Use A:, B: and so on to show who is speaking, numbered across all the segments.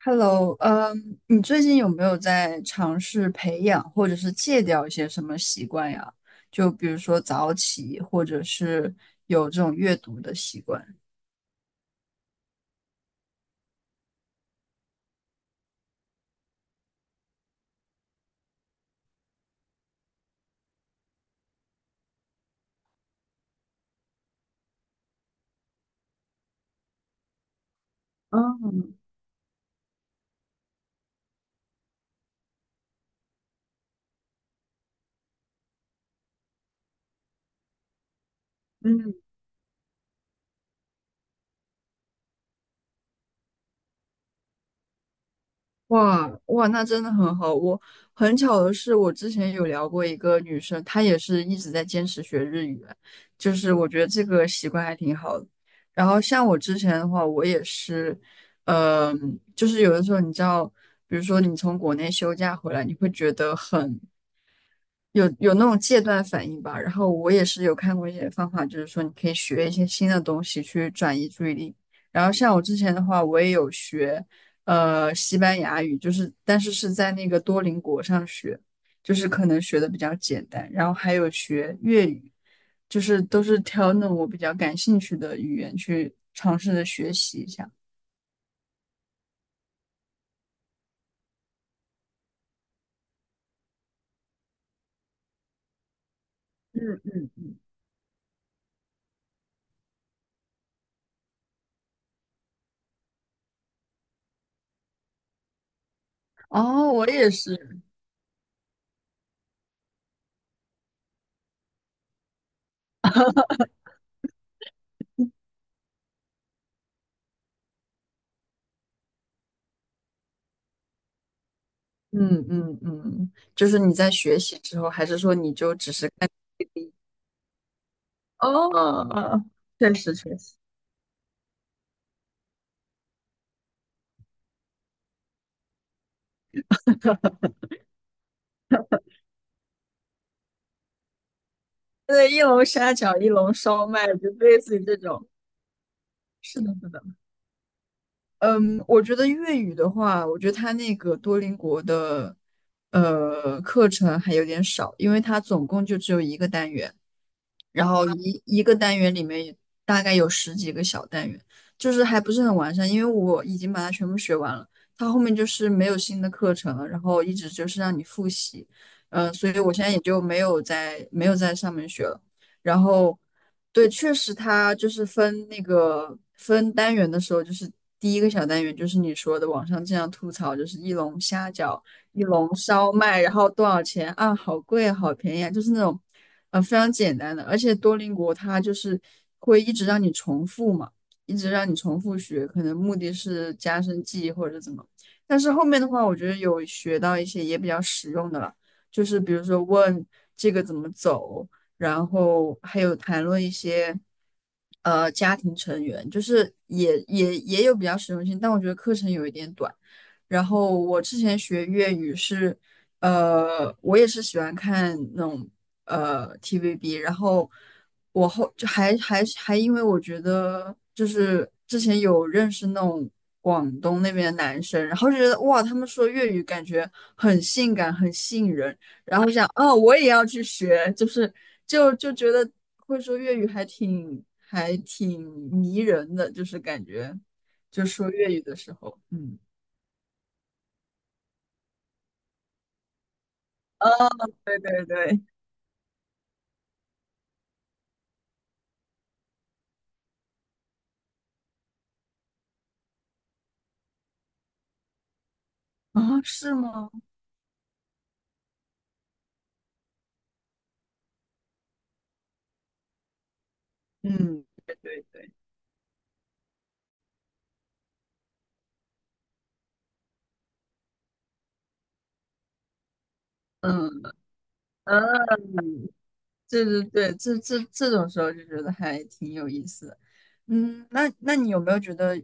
A: Hello,你最近有没有在尝试培养或者是戒掉一些什么习惯呀？就比如说早起，或者是有这种阅读的习惯。嗯嗯，哇哇，那真的很好。我很巧的是，我之前有聊过一个女生，她也是一直在坚持学日语，就是我觉得这个习惯还挺好的。然后像我之前的话，我也是，就是有的时候你知道，比如说你从国内休假回来，你会觉得很有那种戒断反应吧，然后我也是有看过一些方法，就是说你可以学一些新的东西去转移注意力。然后像我之前的话，我也有学西班牙语，就是但是是在那个多邻国上学，就是可能学的比较简单。然后还有学粤语，就是都是挑那种我比较感兴趣的语言去尝试着学习一下。嗯，哦，我也是，嗯嗯嗯，就是你在学习之后，还是说你就只是？哦，确实确实 对，一笼沙饺、一笼烧麦，就类似于这种。是的，是的。嗯，我觉得粤语的话，我觉得它那个多邻国的课程还有点少，因为它总共就只有一个单元。然后一个单元里面大概有十几个小单元，就是还不是很完善，因为我已经把它全部学完了，它后面就是没有新的课程了，然后一直就是让你复习，所以我现在也就没有在上面学了，然后对，确实它就是分那个分单元的时候，就是第一个小单元就是你说的网上经常吐槽就是一笼虾饺。一笼烧麦，然后多少钱啊？好贵啊，好便宜啊，就是那种，非常简单的。而且多邻国它就是会一直让你重复嘛，一直让你重复学，可能目的是加深记忆或者怎么。但是后面的话，我觉得有学到一些也比较实用的了，就是比如说问这个怎么走，然后还有谈论一些。家庭成员就是也有比较实用性，但我觉得课程有一点短。然后我之前学粤语是，我也是喜欢看那种TVB，然后我后就还因为我觉得就是之前有认识那种广东那边的男生，然后就觉得哇，他们说粤语感觉很性感，很吸引人，然后我想哦，我也要去学，就是就觉得会说粤语还挺迷人的，就是感觉就说粤语的时候，嗯。哦，对对对，啊，是吗？嗯，对对对，嗯啊，对对对，这种时候就觉得还挺有意思的。嗯，那那你有没有觉得，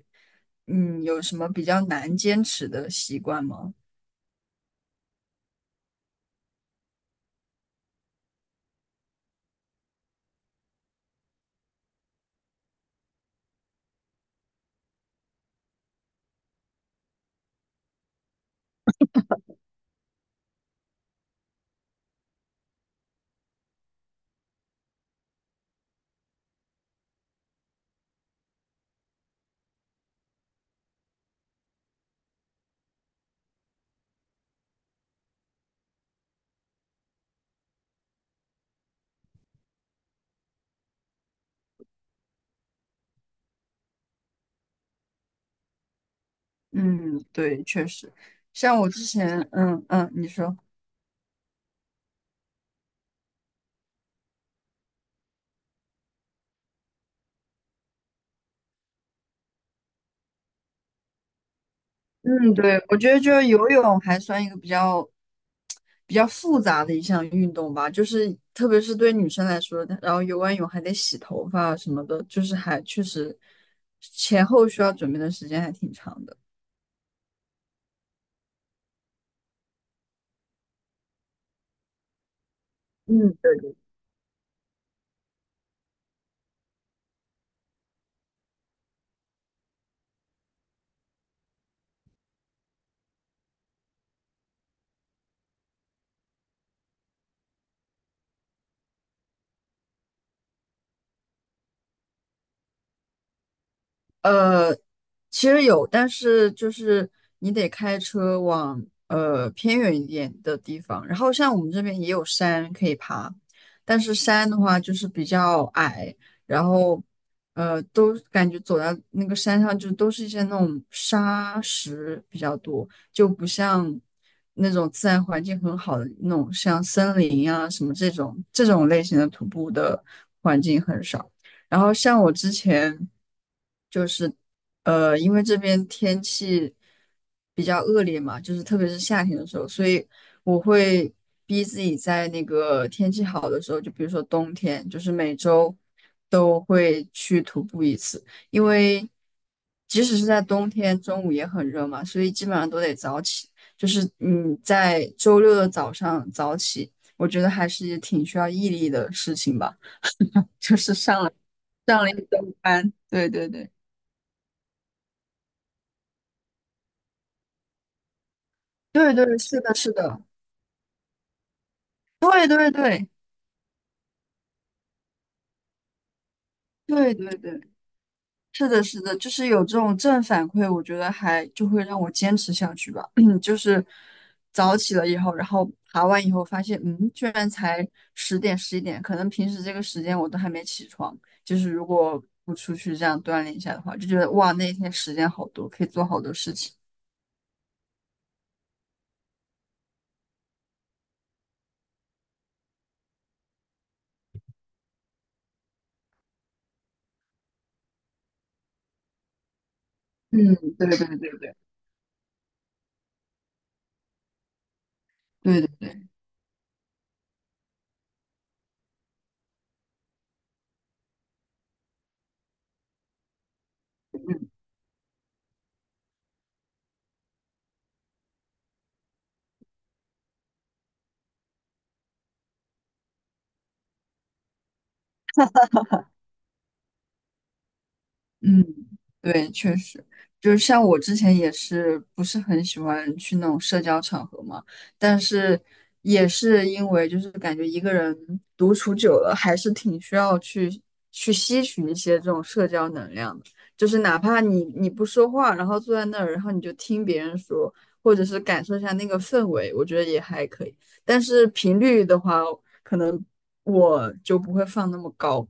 A: 嗯，有什么比较难坚持的习惯吗？嗯，对，确实，像我之前，嗯嗯，你说。嗯，对，我觉得就是游泳还算一个比较复杂的一项运动吧，就是特别是对女生来说，然后游完泳还得洗头发啊什么的，就是还确实前后需要准备的时间还挺长的。嗯，对呃，其实有，但是就是你得开车往偏远一点的地方。然后像我们这边也有山可以爬，但是山的话就是比较矮，然后呃都感觉走到那个山上就都是一些那种沙石比较多，就不像那种自然环境很好的那种像森林啊什么这种这种类型的徒步的环境很少。然后像我之前。就是因为这边天气比较恶劣嘛，就是特别是夏天的时候，所以我会逼自己在那个天气好的时候，就比如说冬天，就是每周都会去徒步一次，因为即使是在冬天，中午也很热嘛，所以基本上都得早起。就是你在周六的早上早起，我觉得还是挺需要毅力的事情吧。就是上了一周班，对对对。对对，是的，是的，对对对对对对，是的，是的，就是有这种正反馈，我觉得还就会让我坚持下去吧。就是早起了以后，然后爬完以后发现，嗯，居然才十点十一点，可能平时这个时间我都还没起床。就是如果不出去这样锻炼一下的话，就觉得哇，那一天时间好多，可以做好多事情。嗯，对对对对对对对，嗯。嗯，对，确实，就是像我之前也是不是很喜欢去那种社交场合嘛，但是也是因为就是感觉一个人独处久了，还是挺需要去吸取一些这种社交能量的，就是哪怕你不说话，然后坐在那儿，然后你就听别人说，或者是感受一下那个氛围，我觉得也还可以。但是频率的话，可能我就不会放那么高。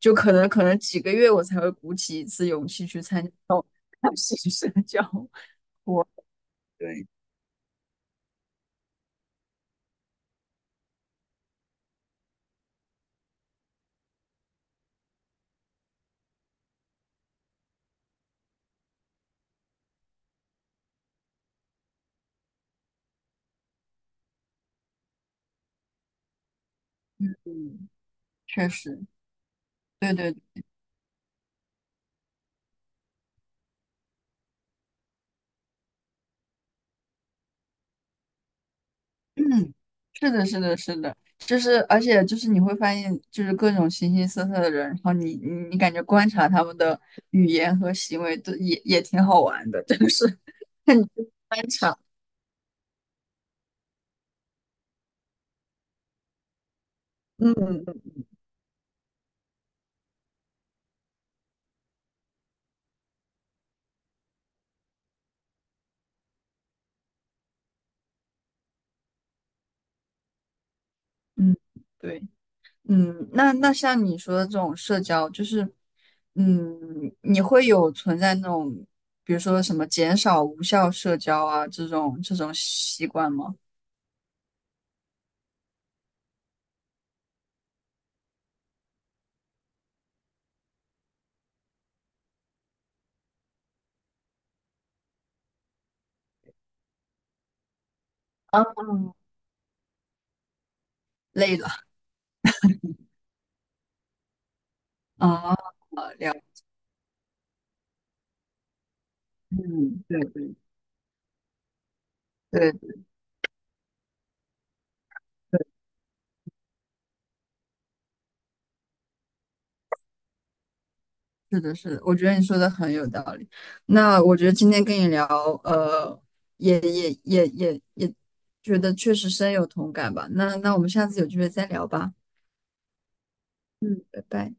A: 就可能几个月我才会鼓起一次勇气去参加新 社交活动。确实，对对，嗯，是的，是的，是的，就是而且就是你会发现，就是各种形形色色的人，然后你感觉观察他们的语言和行为都也挺好玩的，就是 看你去观察，嗯嗯嗯，对。嗯，那那像你说的这种社交，就是，嗯，你会有存在那种，比如说什么减少无效社交啊这种这种习惯吗？累了啊，嗯，对对对对，是的，是的，我觉得你说的很有道理。那我觉得今天跟你聊，呃，也觉得确实深有同感吧。那那我们下次有机会再聊吧。嗯，拜拜。